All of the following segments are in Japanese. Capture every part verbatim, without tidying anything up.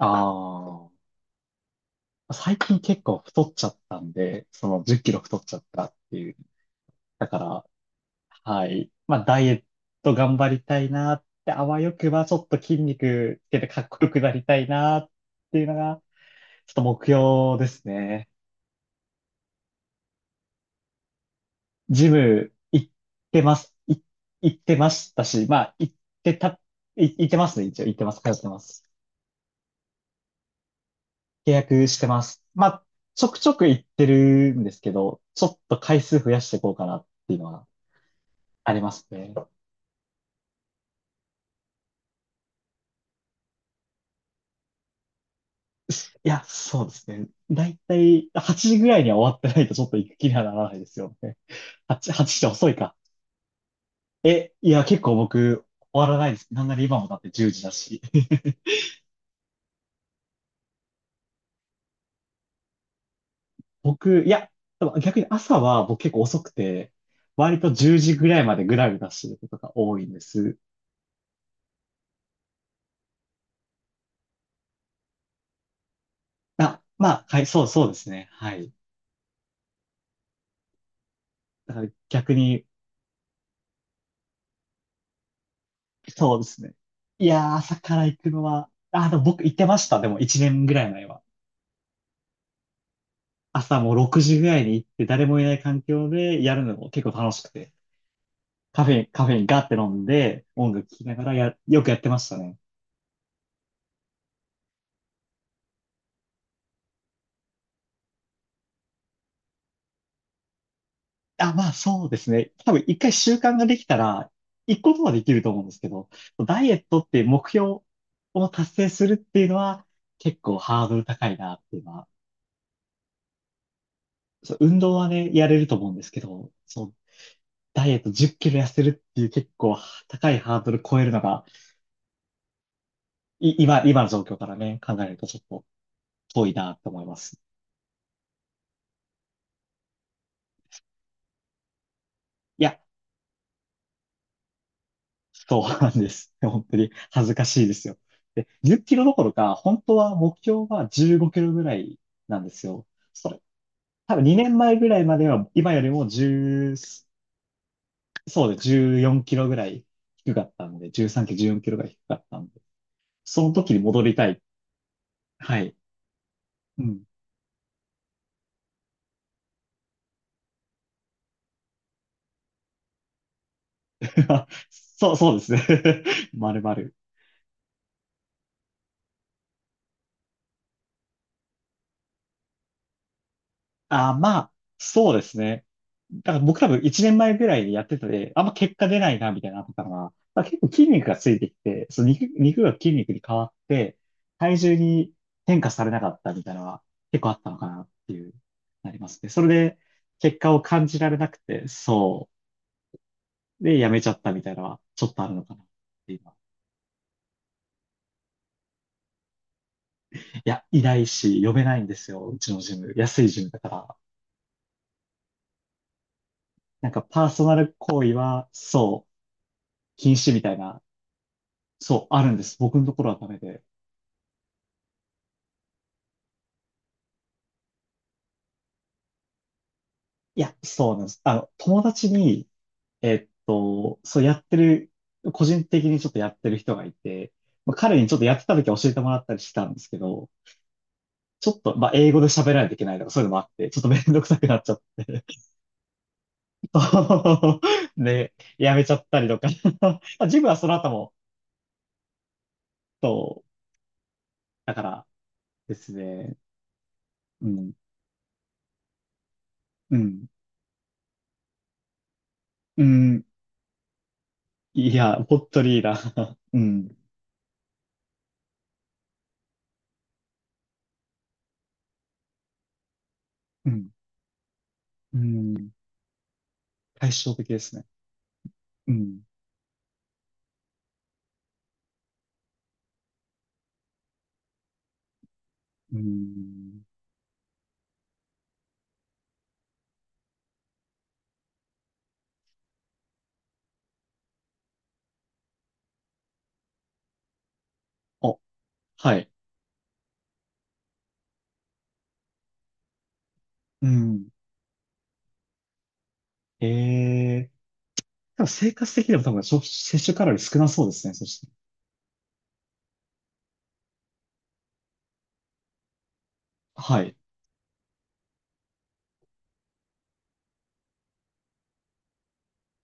ああ、最近結構太っちゃったんで、そのじゅっキロ太っちゃったっていう。だから、はい。まあ、ダイエット頑張りたいなって、あわよくばちょっと筋肉つけてかっこよくなりたいなっていうのが、ちょっと目標ですね。ジム行ってます。い行ってましたし、まあ、行ってた、い行ってますね、一応。行ってます。通ってます。契約してます。まあ、ちょくちょく行ってるんですけど、ちょっと回数増やしていこうかなっていうのはありますね。いや、そうですね。だいたいはちじぐらいには終わってないとちょっと行く気にはならないですよね。8、8時じじゃ遅いか。え、いや、結構僕、終わらないです。なんなら今もだってじゅうじだし。僕、いや、でも逆に朝は僕結構遅くて、割とじゅうじぐらいまでぐらぐらしてることが多いんです。あ、まあ、はい、そう、そうですね。はい。だから逆に、そうですね。いやー、朝から行くのは、あ、でも僕行ってました。でもいちねんぐらい前は。朝もうろくじぐらいに行って誰もいない環境でやるのも結構楽しくて、カフェに、カフェインガーって飲んで、音楽聴きながらや、よくやってましたね。あ、まあそうですね。多分いっかい習慣ができたら、行個ことはできると思うんですけど、ダイエットっていう目標を達成するっていうのは結構ハードル高いなっていうのは、そう、運動はね、やれると思うんですけど、そう、ダイエットじゅっキロ痩せるっていう結構高いハードル超えるのが、い、今、今の状況からね、考えるとちょっと遠いなって思います。いや、そうなんです。本当に恥ずかしいですよ。で、じゅっキロどころか、本当は目標はじゅうごキロぐらいなんですよ。それ、多分にねんまえぐらいまでは、今よりもじゅう、そうです、じゅうよんキロぐらい低かったので、じゅうさんキロ、じゅうよんキロが低かったので、その時に戻りたい。はい。うん。そう、そうですね。まるまる。あ、まあ、そうですね。だから僕多分いちねんまえぐらいでやってたで、あんま結果出ないな、みたいなのあったのが、まあ、結構筋肉がついてきて、その肉、肉が筋肉に変わって、体重に変化されなかったみたいなのは結構あったのかなっていう、なりますね。それで結果を感じられなくて、そう。で、やめちゃったみたいなのはちょっとあるのかなっていうのは。いや、いないし、呼べないんですよ。うちのジム。安いジムだから。なんかパーソナル行為は、そう、禁止みたいな、そう、あるんです。僕のところはダメで。いや、そうなんです。あの、友達に、えっと、そうやってる、個人的にちょっとやってる人がいて、まあ、彼にちょっとやってた時は教えてもらったりしたんですけど、ちょっと、まあ、英語で喋らないといけないとか、そういうのもあって、ちょっとめんどくさくなっちゃって、で、やめちゃったりとか。 あジム はその後も、そう、だからですね、うん、うん、うん、いや、本当にいーな。うん、うん、うん、対照的ですね。うん。うん。あ、はい。うん。ええ、で生活的にも多分、摂摂取カロリー少なそうですね。そして。はい。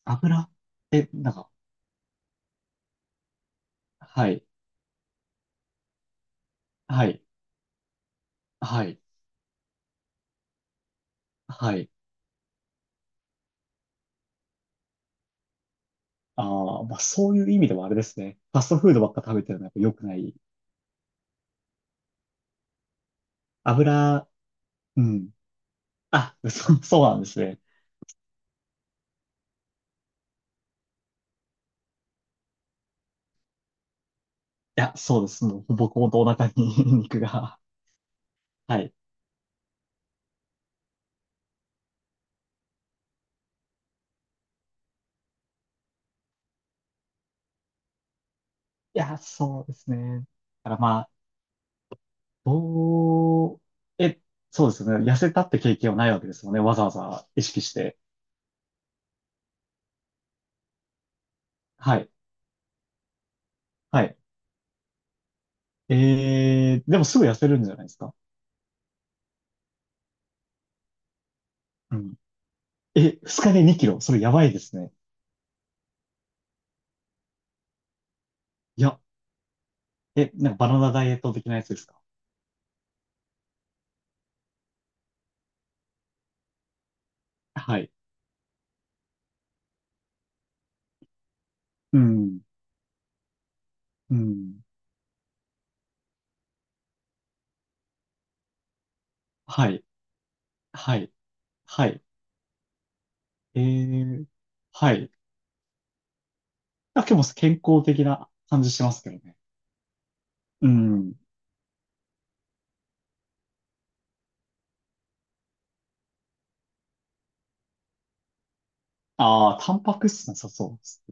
油、え、なんか、はい。はい。はい。はい。ああ、まあそういう意味ではあれですね。ファストフードばっか食べてるのはやっぱ良くない。油、うん。あ、そう、そうなんですね。いや、そうです。もう、僕もとお腹に 肉が。はい。いや、そうですね。だからまあ、おー、え、そうですね。痩せたって経験はないわけですもんね。わざわざ意識して。はい。はい。えー、でもすぐ痩せるんじゃないですか。うん。え、ふつかでにキロ。それやばいですね。いや、え、なんかバナナダイエット的なやつですか。はい。うん。うん。はい。はい。はい。えー、はい。だけど健康的な感じしますけどね。うん。ああ、タンパク質なさそうです。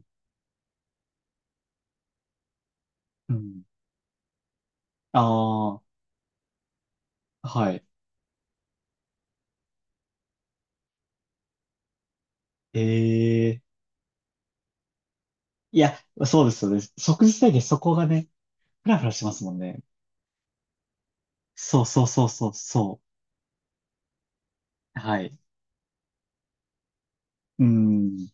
うん。ああ、はい。えー、いや、そうですよね。即時制限、そこがね、フラフラしますもんね。そう、そう、そう、そう、そう。はい。うん。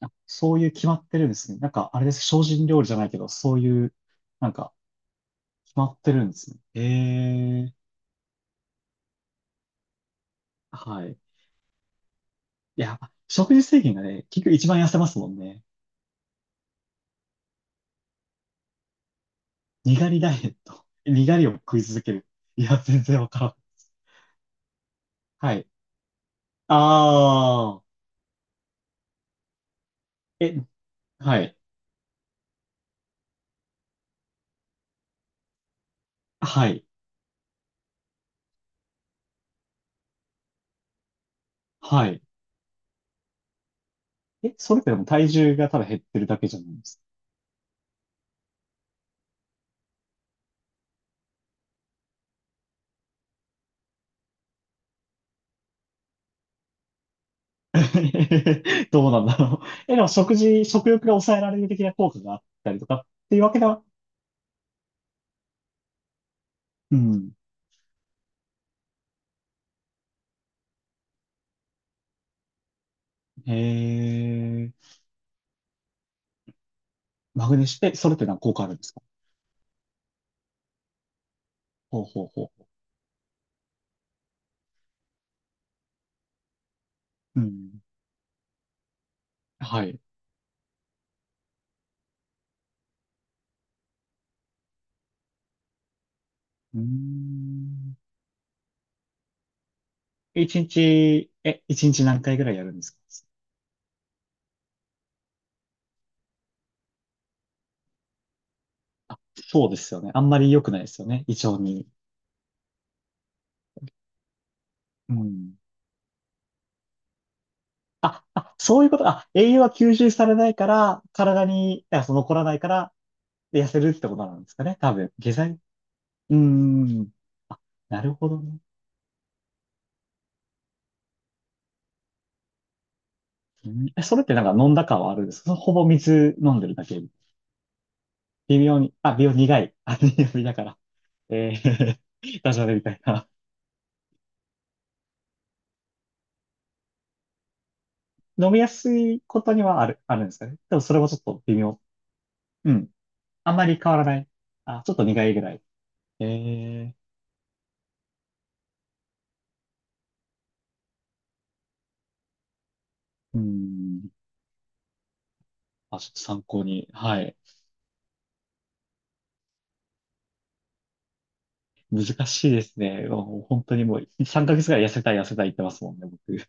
あ、そういう決まってるんですね。なんか、あれです。精進料理じゃないけど、そういう、なんか、決まってるんですね。ええ、はい。いや、食事制限がね、結局一番痩せますもんね。にがりダイエット。にがりを食い続ける。いや、全然わからん。はい。ああ。え、はい。はい。はい。え、それってでも体重がただ減ってるだけじゃないですか。 どうなんだろう。え、でも食事、食欲が抑えられる的な効果があったりとかっていうわけでは、うん。へえ、マグネシウム、え、それって何か効果あるんですか。ほうほうほうほう。うん。はい。うーん。一日、え、一日何回ぐらいやるんですか。あ、そうですよね。あんまり良くないですよね。胃腸に。うん。あ、あ、そういうこと。あ、栄養は吸収されないから、体に、あ、その残らないから、で痩せるってことなんですかね。多分。下剤。うーん。あ、なるほどね。うん、え、それってなんか飲んだ感はあるんですか。ほぼ水飲んでるだけ。微妙に、あ、微妙に苦い。あ、微妙にだから。えー、ダジャレみたいな。飲みやすいことにはある、あるんですかね。でもそれもちょっと微妙。うん。あんまり変わらない。あ、ちょっと苦いぐらい。えー、うん。あ、ちょっと参考に。はい。難しいですね。もう本当にもうさんかげつぐらい痩せたい痩せたい言ってますもんね、僕。